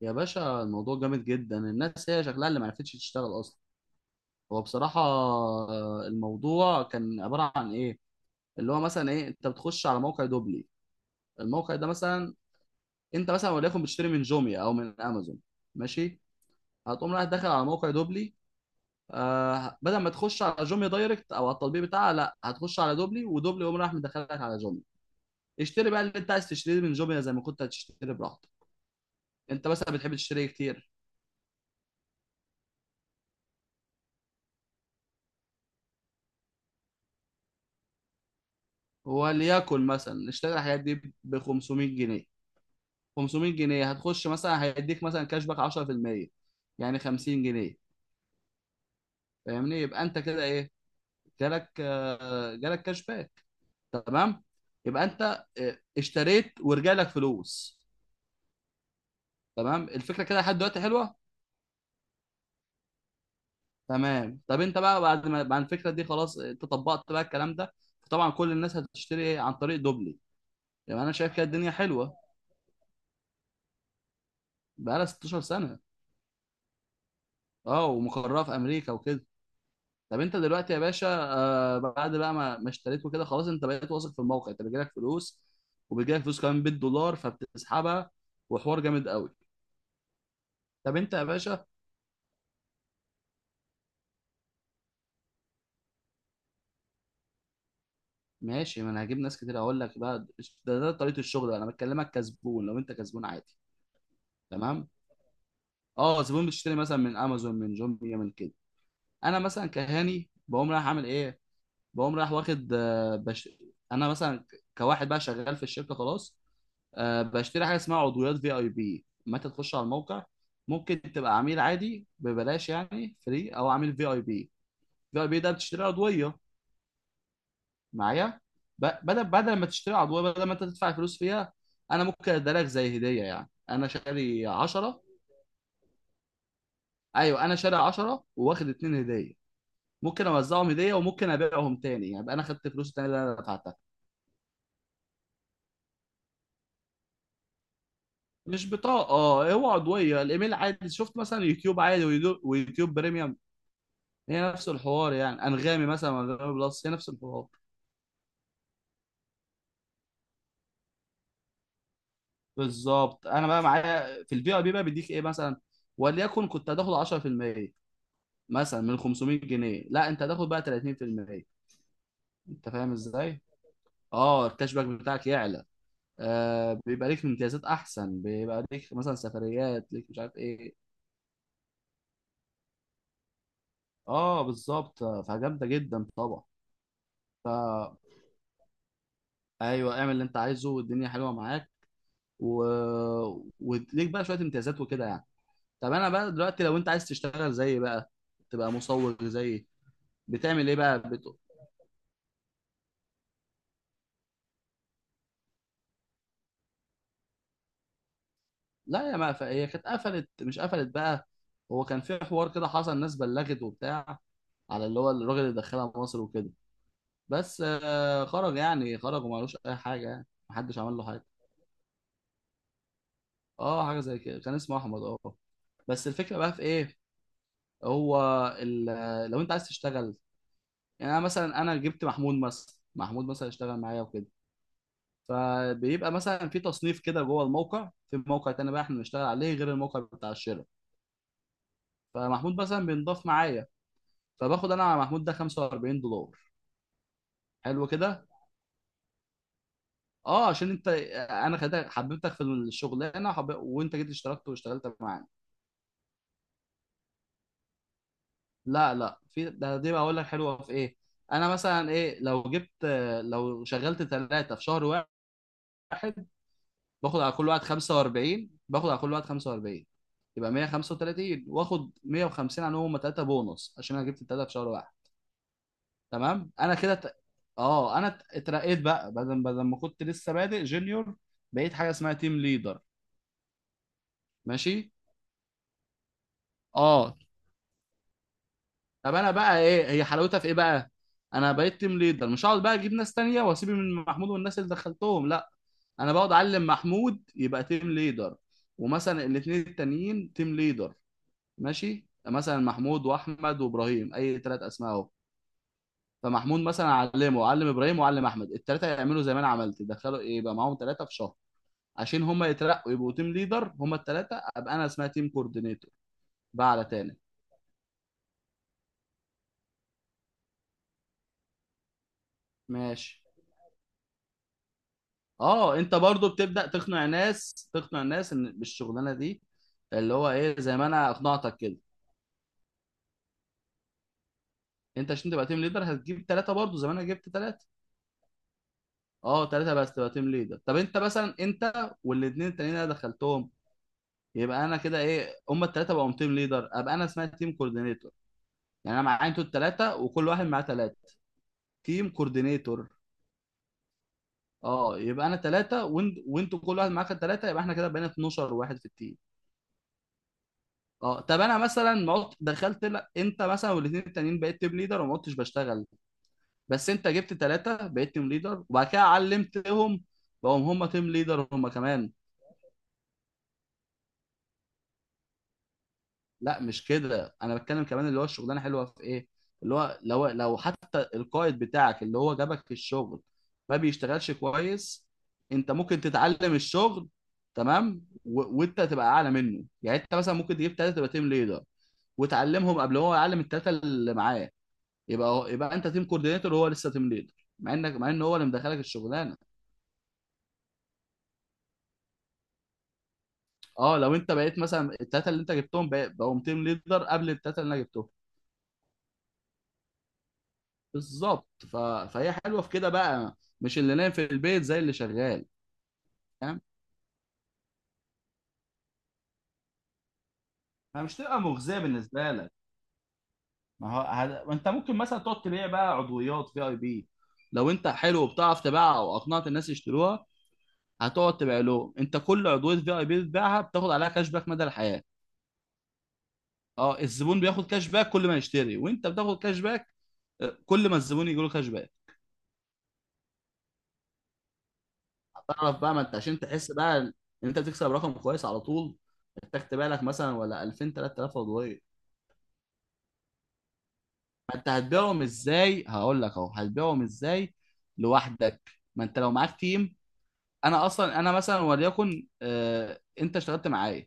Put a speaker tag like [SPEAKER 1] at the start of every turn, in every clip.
[SPEAKER 1] يا باشا، الموضوع جامد جدا. الناس هي شكلها اللي ما عرفتش تشتغل اصلا. هو بصراحه، الموضوع كان عباره عن ايه، اللي هو مثلا ايه؟ انت بتخش على موقع دوبلي، الموقع ده مثلا. انت مثلا وليكن بتشتري من جوميا او من امازون، ماشي. هتقوم رايح داخل على موقع دوبلي. بدل ما تخش على جوميا دايركت او على التطبيق بتاعها، لا، هتخش على دوبلي، ودوبلي يقوم رايح مدخلك على جوميا. اشتري بقى اللي انت عايز تشتريه من جوميا زي ما كنت هتشتري براحتك. انت مثلا بتحب تشتري إيه كتير؟ وليكن مثلا اشتري الحاجات دي ب 500 جنيه. 500 جنيه هتخش مثلا هيديك مثلا كاشباك 10%، يعني 50 جنيه. فاهمني؟ يبقى انت كده ايه، جالك كاشباك. تمام، يبقى انت اشتريت ورجع لك فلوس. تمام، الفكره كده لحد دلوقتي حلوه. تمام. طب انت بقى بعد ما بعد الفكره دي، خلاص انت طبقت بقى الكلام ده، طبعا كل الناس هتشتري ايه عن طريق دوبلي. يبقى انا شايف كده الدنيا حلوه، بقى لها 16 سنه. اه، ومقرها في امريكا وكده. طب انت دلوقتي يا باشا، بعد بقى ما اشتريت وكده، خلاص انت بقيت واثق في الموقع، انت بيجيلك فلوس، وبيجيلك فلوس كمان بالدولار، فبتسحبها، وحوار جامد قوي. طب انت يا باشا، ماشي، ما انا هجيب ناس كتير اقول لك بقى. ده طريقه الشغل بقى. انا بكلمك كزبون، لو انت كزبون عادي، تمام. اه، زبون بتشتري مثلا من امازون، من جوميا، من كده. انا مثلا كهاني بقوم رايح اعمل ايه؟ بقوم رايح واخد انا مثلا كواحد بقى شغال في الشركه خلاص. بشتري حاجه اسمها عضويات في اي بي. متى تخش على الموقع، ممكن تبقى عميل عادي ببلاش، يعني فري، او عميل في اي بي. في اي بي ده بتشتري عضويه معايا. بدل ما تشتري عضويه، بدل ما انت تدفع فلوس فيها، انا ممكن اديها لك زي هديه. يعني انا شاري 10. ايوه، انا شاري 10 واخد اتنين هديه. ممكن اوزعهم هديه، وممكن ابيعهم تاني، يعني يبقى انا خدت فلوس تاني اللي انا دفعتها. مش بطاقه. اه، هو عضويه الايميل. عادي شفت مثلا يوتيوب عادي، ويوتيوب بريميوم. هي نفس الحوار. يعني انغامي مثلا وانغامي بلس هي نفس الحوار. بالظبط. انا بقى معايا في البي ار بي بقى بيديك ايه مثلا؟ وليكن كنت هتاخد 10% مثلا من 500 جنيه، لا، انت هتاخد بقى 30%. انت فاهم ازاي؟ اه، الكاش باك بتاعك يعلى. بيبقى ليك امتيازات احسن، بيبقى ليك مثلا سفريات، ليك مش عارف ايه. اه، بالظبط، فجامده جدا طبعا. ف ايوه، اعمل اللي انت عايزه والدنيا حلوه معاك. و... وليك بقى شويه امتيازات وكده يعني. طب انا بقى دلوقتي لو انت عايز تشتغل زيي بقى، تبقى مصور زيي، بتعمل ايه بقى؟ لا، يا ما هي كانت قفلت، مش قفلت بقى. هو كان في حوار كده حصل، الناس بلغت وبتاع، على اللي هو الراجل اللي دخلها مصر وكده. بس خرج، يعني خرج، وما لوش اي حاجه، يعني محدش عمل له حاجه. اه، حاجه زي كده، كان اسمه احمد. اه. بس الفكره بقى في ايه؟ هو ال... لو انت عايز تشتغل، يعني انا مثلا، انا جبت محمود مثلا، محمود مثلا اشتغل معايا وكده، فبيبقى مثلا في تصنيف كده جوه الموقع، في موقع تاني بقى احنا بنشتغل عليه غير الموقع بتاع الشراء. فمحمود مثلا بينضاف معايا، فباخد انا على محمود ده 45 دولار. حلو كده، اه، عشان انت انا خدتك، حببتك في الشغلانه، وانت جيت اشتركت واشتغلت معانا. لا، لا، في ده دي بقى اقول لك حلوه في ايه. انا مثلا ايه، لو جبت، لو شغلت ثلاثه في شهر واحد، باخد على كل واحد 45، باخد على كل واحد 45، يبقى 135، واخد 150 عنهم هم ثلاثه، بونص عشان انا جبت الثلاثه في شهر واحد. تمام. انا كده اه، انا اترقيت بقى، بدل ما كنت لسه بادئ جونيور، بقيت حاجه اسمها تيم ليدر. ماشي. اه، طب انا بقى ايه هي حلاوتها في ايه بقى؟ انا بقيت تيم ليدر، مش هقعد بقى اجيب ناس تانية واسيب من محمود والناس اللي دخلتهم، لا، انا بقعد اعلم محمود يبقى تيم ليدر، ومثلا الاثنين التانيين تيم ليدر. ماشي، مثلا محمود واحمد وابراهيم، اي ثلاث اسماء اهو. فمحمود مثلا علمه، علم ابراهيم وعلم احمد، الثلاثه يعملوا زي ما انا عملت، يدخلوا ايه، يبقى معاهم ثلاثه في شهر، عشان هم يترقوا يبقوا تيم ليدر، هم الثلاثه، ابقى انا اسمها تيم كوردينيتور. بقى على تاني. ماشي. اه، انت برضو بتبدا تقنع الناس ان بالشغلانه دي، اللي هو ايه، زي ما انا اقنعتك كده، انت عشان تبقى تيم ليدر هتجيب ثلاثه برضو زي ما انا جبت ثلاثه. اه، ثلاثه بس تبقى تيم ليدر. طب انت مثلا انت والاثنين التانيين اللي انا دخلتهم، يبقى انا كده ايه، هما الثلاثه بقوا تيم ليدر، ابقى انا اسمها تيم كوردينيتور. يعني انا معايا انتوا الثلاثه، وكل واحد معاه ثلاثه. تيم كوردينيتور. اه، يبقى انا ثلاثه وانت وانتوا كل واحد معاك ثلاثه، يبقى احنا كده بقينا 12 واحد في التيم. اه. طب انا مثلا ما قلت- دخلت، لا، انت مثلا والاثنين التانيين بقيت تيم ليدر وما كنتش بشتغل، بس انت جبت ثلاثه بقيت تيم ليدر، وبعد كده علمتهم بقوا هم تيم ليدر هم كمان. لا، مش كده، انا بتكلم كمان اللي هو الشغلانه حلوه في ايه، اللي هو لو حتى القائد بتاعك اللي هو جابك في الشغل ما بيشتغلش كويس، انت ممكن تتعلم الشغل، تمام. وانت تبقى اعلى منه، يعني انت مثلا ممكن تجيب ثلاثه تبقى تيم ليدر، وتعلمهم قبل هو يعلم الثلاثه اللي معاه. يبقى انت تيم كوردينيتور وهو لسه تيم ليدر، مع ان هو اللي مدخلك الشغلانه. اه، لو انت بقيت مثلا الثلاثه اللي انت جبتهم بقوا تيم ليدر قبل الثلاثه اللي انا جبتهم، بالظبط. فهي حلوه في كده بقى، مش اللي نايم في البيت زي اللي شغال. فاهم، فمش تبقى مغزيه بالنسبه لك. ما هو انت ممكن مثلا تقعد تبيع بقى عضويات في اي بي، لو انت حلو وبتعرف تبيعها او اقنعت الناس يشتروها، هتقعد تبيع لهم. انت كل عضويه في اي بي بتبيعها بتاخد عليها كاش باك مدى الحياه. اه، الزبون بياخد كاش باك كل ما يشتري، وانت بتاخد كاش باك كل ما الزبون يجي له كاش باك. هتعرف بقى، ما انت عشان تحس بقى ان انت بتكسب رقم كويس على طول، محتاج تبيع لك مثلا ولا 2000 3000 عضويه. ما انت هتبيعهم ازاي هقول لك اهو، هتبيعهم ازاي لوحدك؟ ما انت لو معاك تيم، انا اصلا، انا مثلا وليكن انت اشتغلت معايا،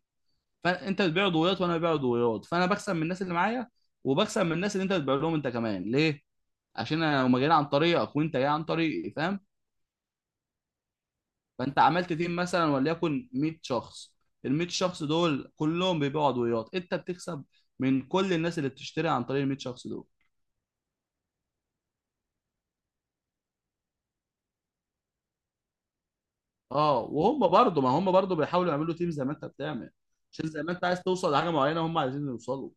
[SPEAKER 1] فانت بتبيع عضويات وانا ببيع عضويات، فانا بكسب من الناس اللي معايا، وبكسب من الناس اللي انت بتبيع لهم انت كمان، ليه؟ عشان انا لو ما جينا عن طريقك وانت جاي عن طريقي، فاهم؟ فانت عملت تيم مثلا وليكن 100 شخص، ال 100 شخص دول كلهم بيبيعوا عضويات، انت بتكسب من كل الناس اللي بتشتري عن طريق ال 100 شخص دول. اه، وهم برضه ما هم برضه بيحاولوا يعملوا تيم زي ما انت بتعمل، عشان زي ما انت عايز توصل لحاجه معينه هم عايزين يوصلوا.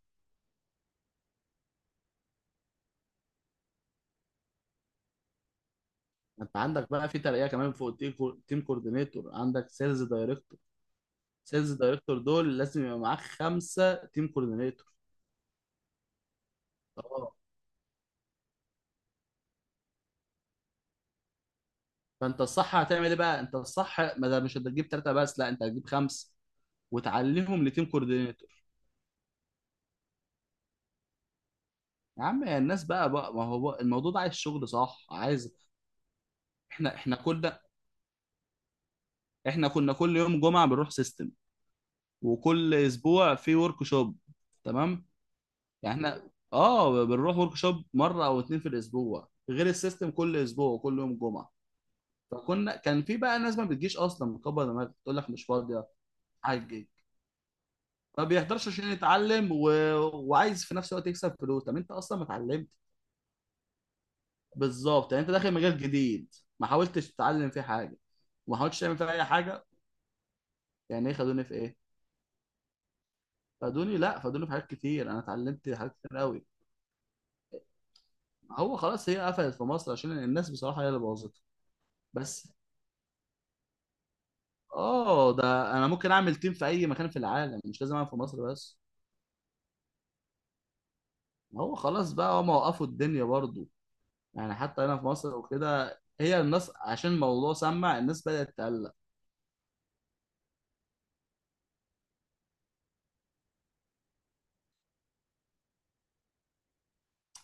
[SPEAKER 1] ما انت عندك بقى في ترقيه كمان فوق التيم كو- تيم كوردينيتور، عندك سيلز دايركتور. سيلز دايركتور دول لازم يبقى معاك خمسه تيم كوردينيتور. اه، فانت الصح هتعمل ايه بقى؟ انت الصح، ما ده مش هتجيب ثلاثه بس، لا، انت هتجيب خمسه وتعلمهم لتيم كوردينيتور. يا عم، يا الناس بقى ما هو بقى الموضوع ده عايز شغل صح، عايز، احنا كنا، احنا كنا كل يوم جمعه بنروح سيستم، وكل اسبوع في ورك شوب. تمام. يعني احنا بنروح ورك شوب مره او اتنين في الاسبوع، غير السيستم كل اسبوع وكل يوم جمعه. كان في بقى ناس ما بتجيش اصلا، مكبر دماغك تقول لك مش فاضيه، حاجه ما بيحضرش عشان يتعلم وعايز في نفس الوقت يكسب فلوس. طب انت اصلا ما اتعلمت، بالظبط. يعني انت داخل مجال جديد، ما حاولتش تتعلم فيه حاجه، وما حاولتش تعمل فيه اي حاجه. يعني ايه خدوني في ايه؟ خدوني؟ لا، خدوني في حاجات كتير، انا اتعلمت حاجات كتير قوي. هو خلاص، هي قفلت في مصر عشان الناس بصراحة هي اللي بوظتها. بس اه، ده انا ممكن اعمل تيم في اي مكان في العالم، مش لازم اعمل في مصر بس. هو خلاص بقى، هم وقفوا الدنيا برضو، يعني حتى هنا في مصر وكده هي الناس عشان الموضوع، سمع الناس بدأت تقلق.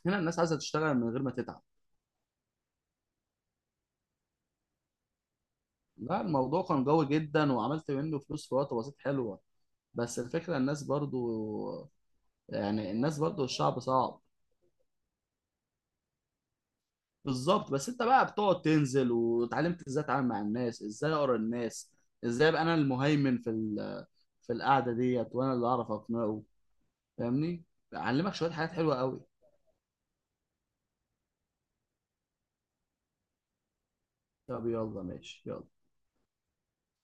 [SPEAKER 1] هنا الناس عايزة تشتغل من غير ما تتعب. لا، الموضوع كان قوي جدا وعملت منه فلوس في وقت بسيط حلوة، بس الفكرة الناس برضو، يعني الناس برضو، الشعب صعب. بالظبط، بس انت بقى بتقعد تنزل واتعلمت ازاي اتعامل مع الناس، ازاي اقرا الناس، ازاي ابقى انا المهيمن في في القعده ديت، وانا اللي اعرف اقنعه، فاهمني. علمك شويه حاجات حلوه قوي. طب يلا، ماشي، يلا.